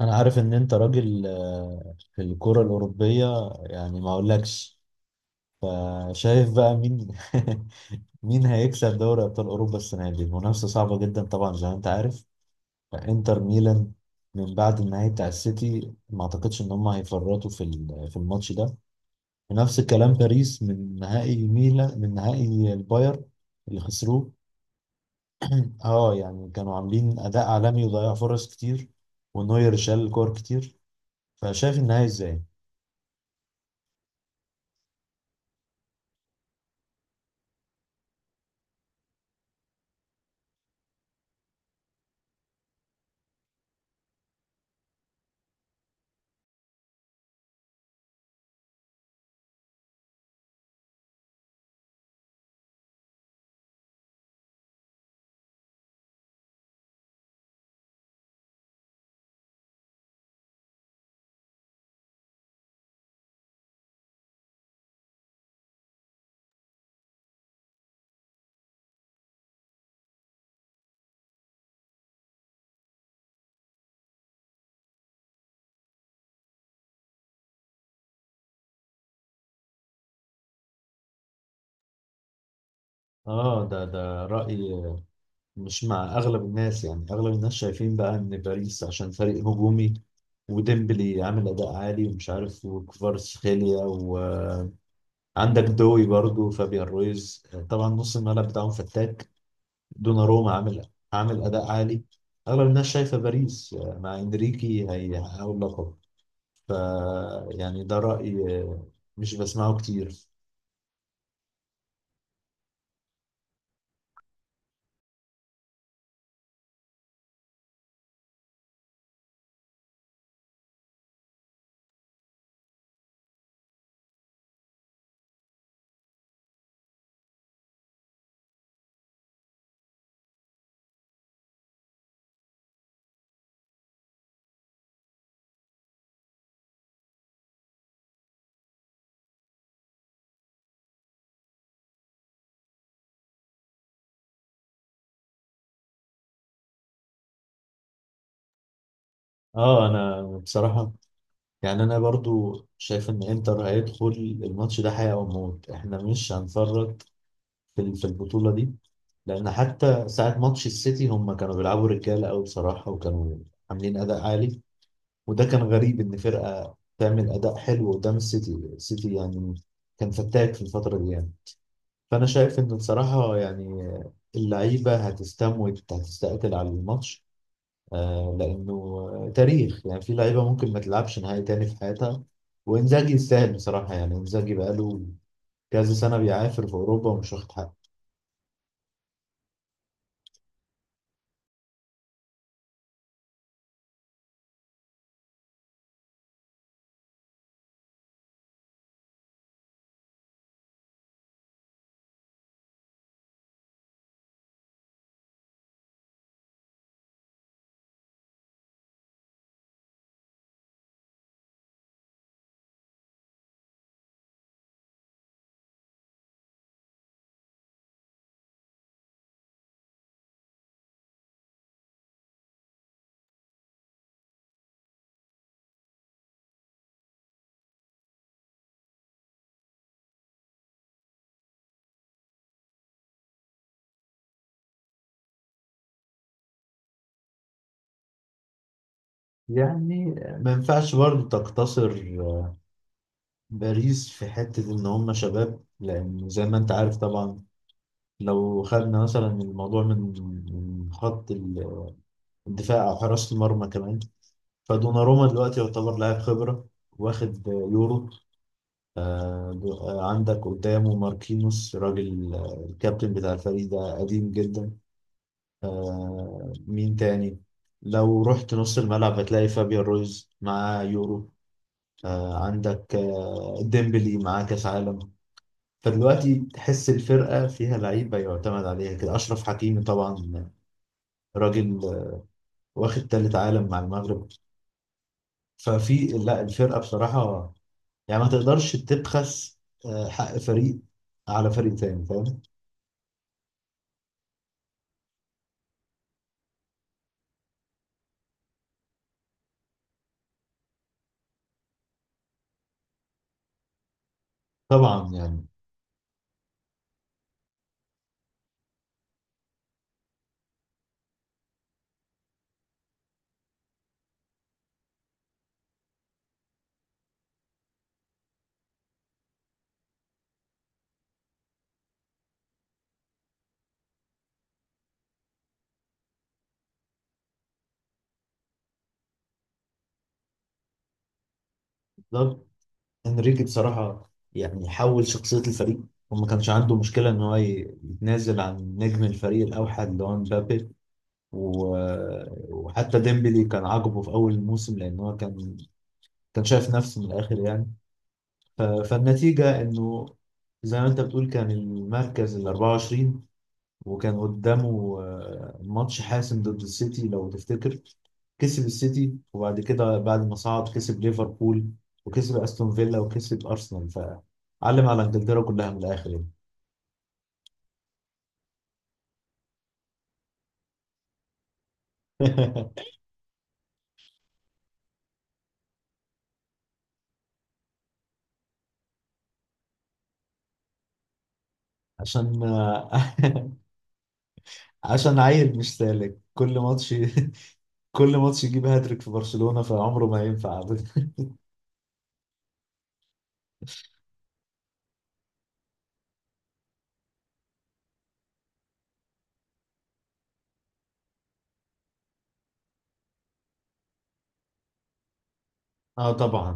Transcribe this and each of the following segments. انا عارف ان انت راجل آه، في الكرة الأوروبية، يعني ما اقولكش. فشايف بقى مين مين هيكسب دوري ابطال اوروبا السنة دي؟ المنافسة صعبة جدا طبعا زي ما انت عارف. انتر ميلان من بعد النهائي بتاع السيتي ما اعتقدش ان هم هيفرطوا في الماتش ده. ونفس الكلام باريس من نهائي ميلان، من نهائي الباير اللي خسروه. اه يعني كانوا عاملين اداء عالمي وضيعوا فرص كتير، ونوير شال كور كتير. فشايف النهائي ازاي؟ اه ده رأي مش مع اغلب الناس، يعني اغلب الناس شايفين بقى ان باريس عشان فريق هجومي، وديمبلي عامل اداء عالي ومش عارف، وكفاراتسخيليا، وعندك دوي برضو، فابيان رويز، طبعا نص الملعب بتاعهم فتاك، دوناروما عامل اداء عالي. اغلب الناس شايفه باريس مع انريكي هيحققوا اللقب. ف يعني ده رأي مش بسمعه كتير. اه انا بصراحه يعني انا برضو شايف ان انتر هيدخل الماتش ده حياة وموت، احنا مش هنفرط في البطولة دي، لان حتى ساعة ماتش السيتي هم كانوا بيلعبوا رجالة قوي بصراحة، وكانوا عاملين اداء عالي. وده كان غريب ان فرقة تعمل اداء حلو قدام السيتي، السيتي يعني كان فتاك في الفترة دي يعني. فانا شايف ان بصراحة يعني اللعيبة هتستموت، هتستقتل على الماتش. آه، لأنه تاريخ يعني، في لعيبة ممكن ما تلعبش نهائي تاني في حياتها. وإنزاجي يستاهل بصراحة، يعني إنزاجي بقاله كذا سنة بيعافر في أوروبا ومش واخد حقه. يعني ما ينفعش برضه تقتصر باريس في حتة إن هم شباب، لأن زي ما أنت عارف طبعا، لو خدنا مثلا الموضوع من من خط ال- الدفاع أو حراسة المرمى كمان. فدوناروما دلوقتي يعتبر لاعب خبرة، واخد يورو، آه، عندك قدامه ماركينوس، راجل آه، الكابتن بتاع الفريق، ده قديم جدا. آه، مين تاني؟ لو رحت نص الملعب هتلاقي فابيان رويز معاه يورو، آه، عندك آه، ديمبلي معاه كاس عالم. فدلوقتي تحس الفرقة فيها لعيبة يعتمد عليها كده، أشرف حكيمي طبعا، راجل آه، واخد تالت عالم مع المغرب. ففي لا الفرقة بصراحة يعني ما تقدرش تبخس آه، حق فريق على فريق تاني، فاهم؟ طبعا يعني بالظبط. انريكي بصراحة يعني حول شخصية الفريق، وما كانش عنده مشكلة إن هو يتنازل عن نجم الفريق الأوحد اللي هو مبابي. و- وحتى ديمبلي كان عاجبه في أول الموسم، لأن هو كان شايف نفسه من الآخر يعني. فالنتيجة إنه زي ما أنت بتقول، كان المركز ال 24، وكان قدامه آه، ماتش حاسم ضد السيتي لو تفتكر. كسب السيتي، وبعد كده بعد ما صعد كسب ليفربول، وكسب استون فيلا، وكسب ارسنال، فعلم على انجلترا كلها من الاخر يعني. عشان آه، عشان عيل مش سالك كل ماتش، كل ماتش يجيب هاتريك في برشلونة، فعمره ما ينفع. اه طبعا.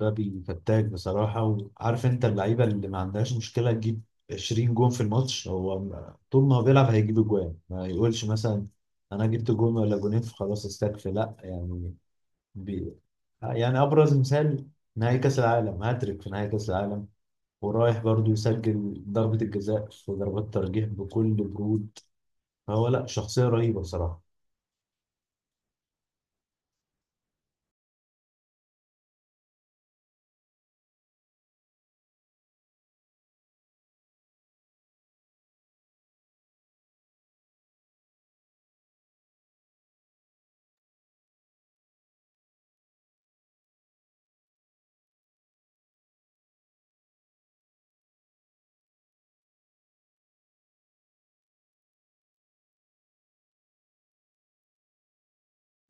مبابي فتاك بصراحة، وعارف انت اللعيبة اللي ما عندهاش مشكلة تجيب 20 جون في الماتش. هو طول ما هو بيلعب هيجيب جوان، ما يقولش مثلا انا جبت جون ولا جونين فخلاص استكفي، لا يعني. بي... يعني ابرز مثال نهائي كاس العالم، هاتريك في نهائي كاس العالم. ورايح برضو يسجل ضربة الجزاء في ضربات ترجيح بكل برود. فهو لا، شخصية رهيبة بصراحة.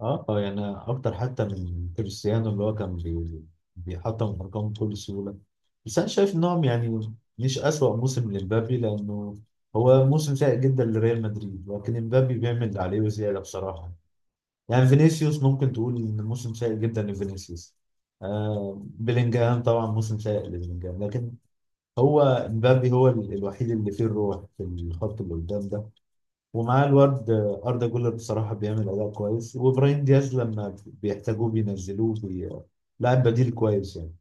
اه يعني اكتر حتى من كريستيانو، اللي هو كان بيحطم الارقام بكل سهوله. بس انا شايف انهم يعني مش اسوأ موسم لمبابي، لانه هو موسم سيء جدا لريال مدريد، لكن مبابي بيعمل اللي عليه وزياده بصراحه. يعني فينيسيوس ممكن تقول ان موسم سيء جدا لفينيسيوس، آه بيلينجهام طبعا موسم سيء لبيلينجهام، لكن هو مبابي هو الوحيد اللي فيه الروح في الخط اللي قدام ده. ومعاه الواد أردا جولر بصراحة بيعمل أداء كويس، وإبراهيم دياز لما بيحتاجوه بينزلوه، لاعب بديل كويس يعني.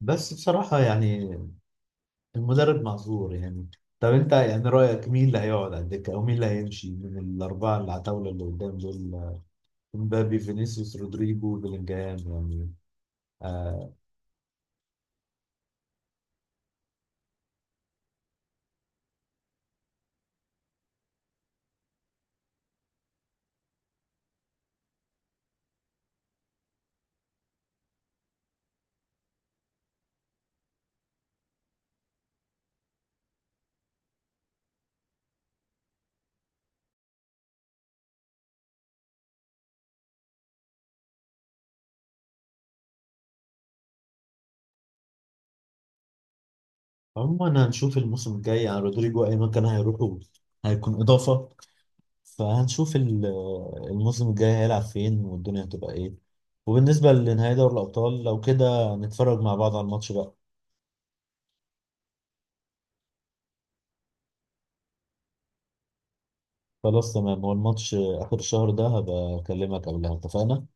بس بصراحة يعني المدرب معذور يعني. طب أنت يعني رأيك مين اللي هيقعد على الدكة، أو مين اللي هيمشي من الأربعة اللي على الطاولة اللي قدام دول؟ مبابي، فينيسيوس، رودريجو، بلينجهام. يعني آه. عموما هنشوف الموسم الجاي، يعني رودريجو أي مكان هيروحوا هيكون إضافة. فهنشوف الموسم الجاي هيلعب فين والدنيا هتبقى ايه. وبالنسبة لنهائي دوري الأبطال، لو كده نتفرج مع بعض على الماتش بقى. خلاص تمام، هو الماتش آخر الشهر ده، هبقى أكلمك قبلها، اتفقنا؟